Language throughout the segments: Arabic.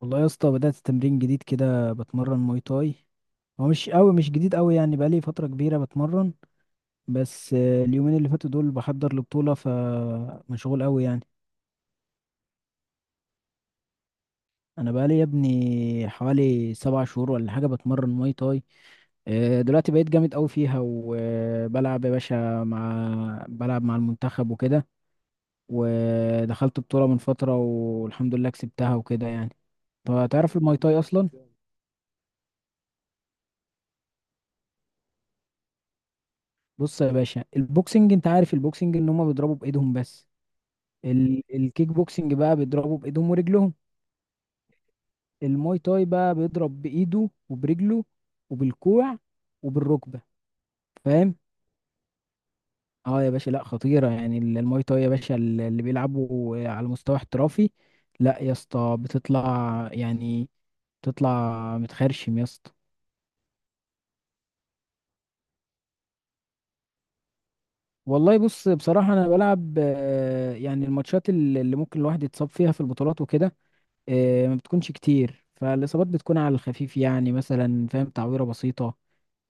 والله يا اسطى، بدأت تمرين جديد كده بتمرن ماي تاي. هو مش جديد قوي، يعني بقالي فترة كبيرة بتمرن. بس اليومين اللي فاتوا دول بحضر لبطولة، فمشغول قوي يعني. انا بقالي يا ابني حوالي 7 شهور ولا حاجة بتمرن ماي تاي. دلوقتي بقيت جامد قوي فيها وبلعب يا باشا مع بلعب مع المنتخب وكده. ودخلت بطولة من فترة والحمد لله كسبتها وكده يعني. طب تعرف الماي تاي اصلا؟ بص يا باشا، البوكسنج، انت عارف البوكسنج ان هم بيضربوا بايدهم بس. الكيك بوكسنج بقى بيضربوا بايدهم ورجلهم. الماي تاي بقى بيضرب بايده وبرجله، وبالكوع، وبالركبه. فاهم؟ اه يا باشا، لا خطيره يعني. الماي تاي يا باشا، اللي بيلعبوا على مستوى احترافي، لا يا اسطى، بتطلع يعني، بتطلع متخرشم يا اسطى. والله بص، بصراحه انا بلعب، يعني الماتشات اللي ممكن الواحد يتصاب فيها في البطولات وكده. ما بتكونش كتير، فالإصابات بتكون على الخفيف يعني. مثلا، فاهم، تعويرة بسيطة.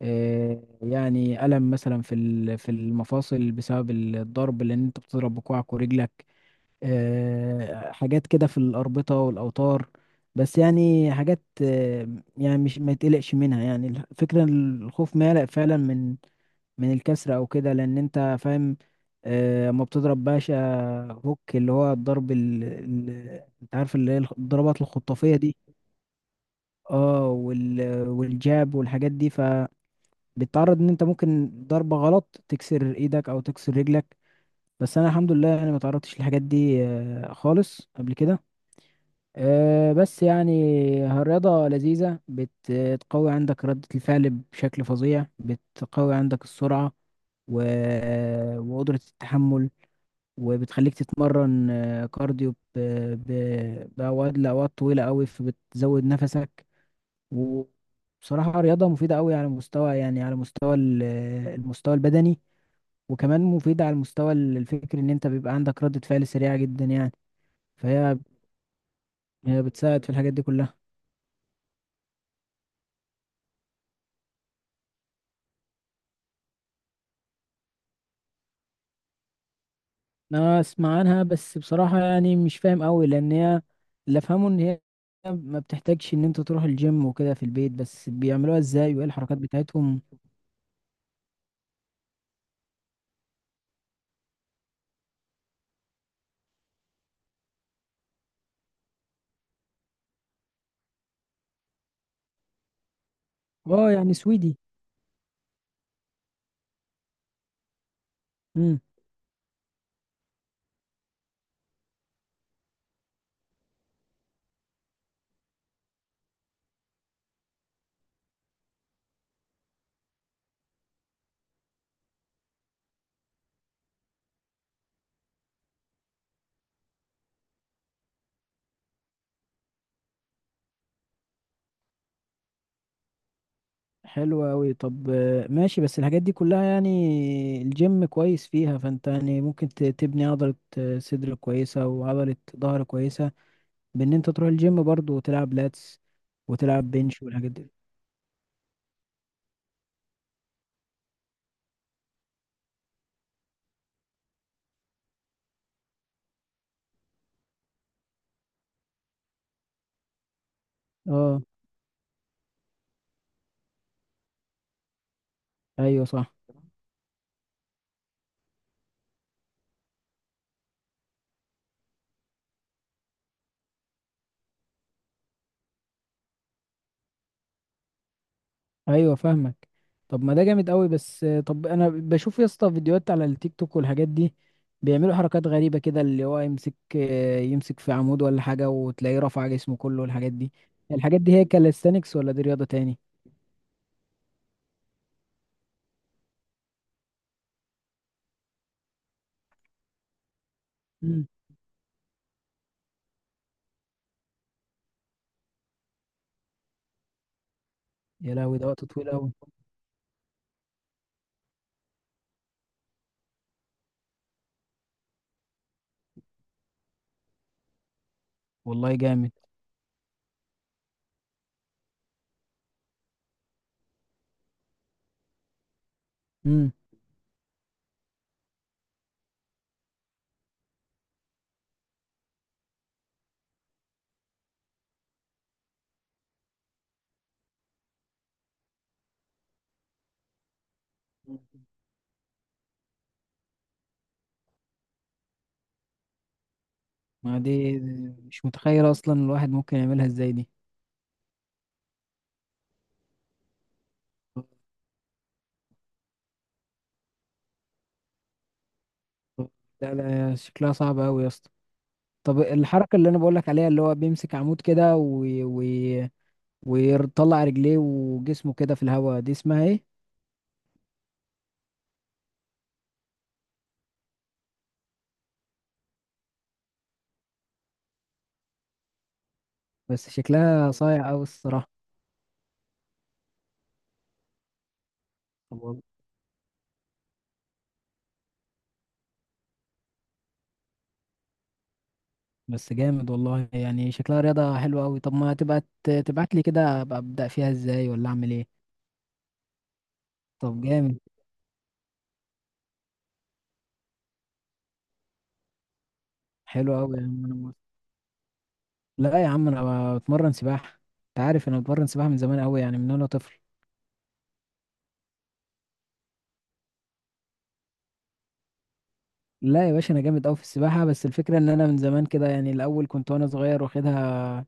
يعني ألم مثلا في في المفاصل بسبب الضرب، لأن أنت بتضرب بكوعك ورجلك. حاجات كده في الأربطة والأوتار. بس يعني حاجات. يعني مش ما يتقلقش منها يعني. الفكرة إن الخوف ما يقلق فعلا من الكسر أو كده، لأن أنت فاهم. اما بتضرب باشا، هوك، اللي هو الضرب. أنت عارف اللي هي الضربات الخطافية دي. اه. والجاب والحاجات دي، فبتتعرض إن أنت ممكن ضربة غلط تكسر إيدك أو تكسر رجلك. بس أنا الحمد لله أنا ما تعرضتش للحاجات دي خالص قبل كده. بس يعني الرياضة لذيذة، بتقوي عندك ردة الفعل بشكل فظيع، بتقوي عندك السرعة و... وقدرة التحمل. وبتخليك تتمرن كارديو ب... لأوقات طويلة أوي، فبتزود نفسك. وبصراحة رياضة مفيدة أوي على مستوى، يعني على مستوى المستوى البدني. وكمان مفيدة على المستوى الفكري، إن أنت بيبقى عندك ردة فعل سريعة جدا يعني. فهي بتساعد في الحاجات دي كلها. انا اسمع عنها، بس بصراحة يعني مش فاهم قوي، لان هي، اللي افهمه ان هي ما بتحتاجش ان انت تروح الجيم وكده، في البيت. بس بيعملوها ازاي وايه الحركات بتاعتهم؟ اه يعني سويدي. امم. حلو قوي. طب ماشي، بس الحاجات دي كلها يعني الجيم كويس فيها، فانت يعني ممكن تبني عضلة صدر كويسة وعضلة ظهر كويسة، بان انت تروح الجيم برضو وتلعب لاتس وتلعب بنش والحاجات دي. اه. ايوه، صح. ايوه فاهمك. طب ما ده جامد قوي. بس طب انا بشوف يا اسطى فيديوهات على التيك توك والحاجات دي، بيعملوا حركات غريبه كده، اللي هو يمسك في عمود ولا حاجه، وتلاقيه رفع جسمه كله والحاجات دي. الحاجات دي هي كاليستانكس ولا دي رياضه تاني؟ امم. يا لهوي، ده وقت طويل قوي. والله جامد. امم. ما دي، مش متخيل اصلا الواحد ممكن يعملها ازاي دي. لا لا، شكلها صعب قوي يا اسطى. طب الحركه اللي انا بقول لك عليها، اللي هو بيمسك عمود كده ويطلع رجليه وجسمه كده في الهواء، دي اسمها ايه؟ بس شكلها صايع قوي الصراحة. طب وال- بس جامد والله، يعني شكلها رياضة حلوة قوي. طب ما تبقى تبعت لي كده، ابقى ابدأ فيها ازاي ولا اعمل ايه؟ طب جامد. حلو قوي يا عم، انا موافق. لا يا عم، انا بتمرن سباحة. انت عارف انا بتمرن سباحة من زمان قوي، يعني من وانا طفل. لا يا باشا، انا جامد قوي في السباحة، بس الفكرة ان انا من زمان كده يعني. الاول كنت وانا صغير واخدها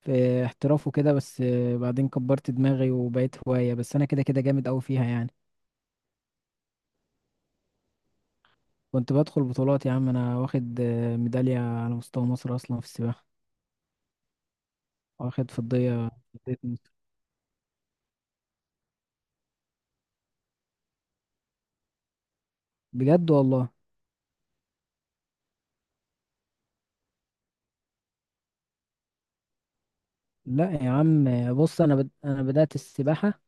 في احتراف وكده، بس بعدين كبرت دماغي وبقيت هواية. بس انا كده كده جامد قوي فيها يعني. كنت بدخل بطولات يا عم، انا واخد ميدالية على مستوى مصر اصلا في السباحة. واخد فضية مصر. بجد والله. لا يا عم، بص، انا بدأت السباحة.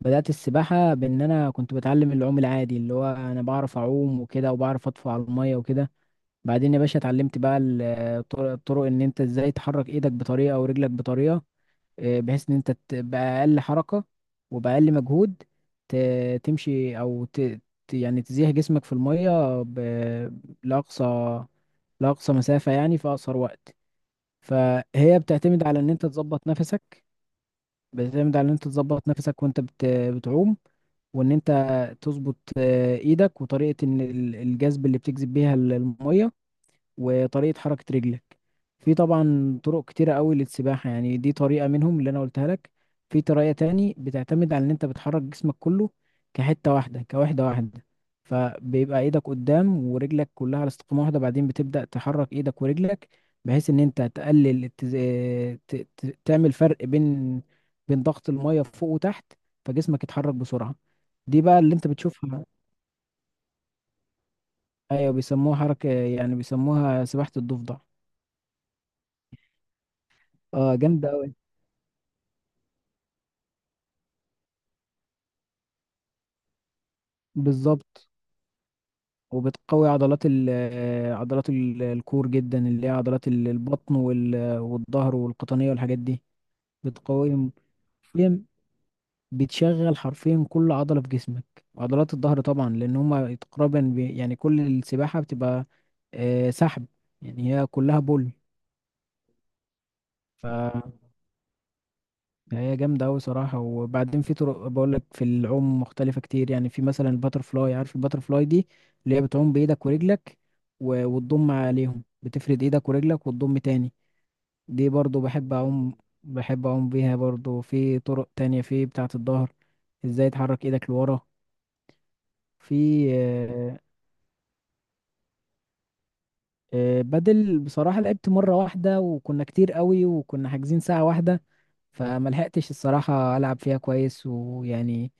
بدأت السباحة بان انا كنت بتعلم العوم العادي، اللي هو انا بعرف اعوم وكده، وبعرف اطفو على المية وكده. بعدين يا باشا اتعلمت بقى الطرق، ان انت ازاي تحرك ايدك بطريقة ورجلك بطريقة، بحيث ان انت باقل حركة وباقل مجهود تمشي يعني تزيح جسمك في المية لأقصى لأقصى مسافة يعني في أقصر وقت. فهي بتعتمد على ان انت تظبط نفسك. بتعتمد على ان انت تظبط نفسك وانت بتعوم، وان انت تظبط ايدك، وطريقة ان الجذب اللي بتجذب بيها المية، وطريقة حركة رجلك. في طبعا طرق كتيرة قوي للسباحة. يعني دي طريقة منهم اللي أنا قلتها لك. في طريقة تاني بتعتمد على إن أنت بتحرك جسمك كله كحتة واحدة كوحدة واحدة، فبيبقى إيدك قدام ورجلك كلها على استقامة واحدة، بعدين بتبدأ تحرك إيدك ورجلك بحيث إن أنت تقلل تعمل فرق بين ضغط المية فوق وتحت، فجسمك يتحرك بسرعة. دي بقى اللي أنت بتشوفها. أيوة، بيسموها حركة، يعني بيسموها سباحة الضفدع. اه جامدة. بالظبط. وبتقوي عضلات ال آه، عضلات الكور جدا، اللي هي عضلات البطن والظهر والقطنية والحاجات دي. بتقويهم حرفيا. بتشغل حرفيا كل عضلة في جسمك، وعضلات الظهر طبعا لأن هما تقريبا يعني كل السباحة بتبقى سحب. يعني هي كلها بول. يعني هي جامدة أوي صراحة. وبعدين في طرق، بقولك، في العوم مختلفة كتير. يعني في مثلا الباتر فلاي، عارف الباتر فلاي دي، اللي هي بتعوم بإيدك ورجلك وتضم عليهم، بتفرد إيدك ورجلك وتضم تاني. دي برضو بحب أعوم. بحب أعوم بيها برضو. في طرق تانية في بتاعة الظهر، إزاي تحرك إيدك لورا. في آه، بدل، بصراحة لعبت مرة واحدة، وكنا كتير قوي وكنا حاجزين ساعة واحدة، فما لحقتش الصراحة ألعب فيها كويس ويعني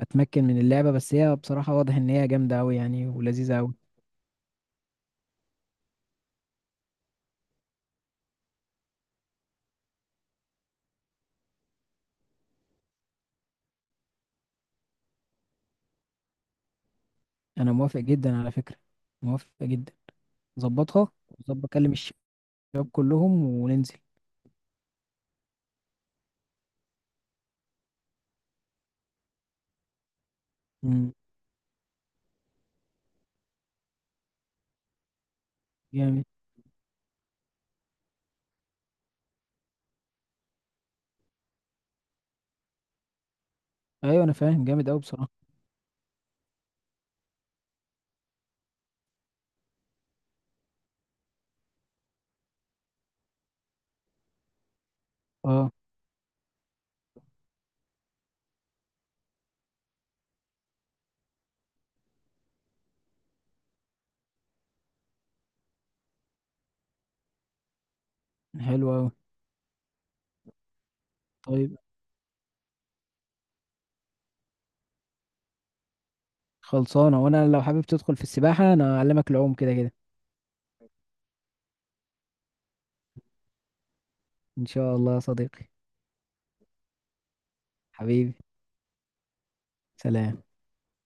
أتمكن من اللعبة، بس هي بصراحة واضح إن هي جامدة أوي يعني ولذيذة أوي. أنا موافق جدا على فكرة. موافق جدا. ظبطها، وظبط أكلم الشباب كلهم وننزل. مم. جامد. أيوة أنا فاهم، جامد أوي بصراحة. أه. حلو أوي. طيب. خلصانة. وأنا لو حابب تدخل في السباحة أنا أعلمك العوم كده كده. إن شاء الله يا صديقي. حبيبي. سلام.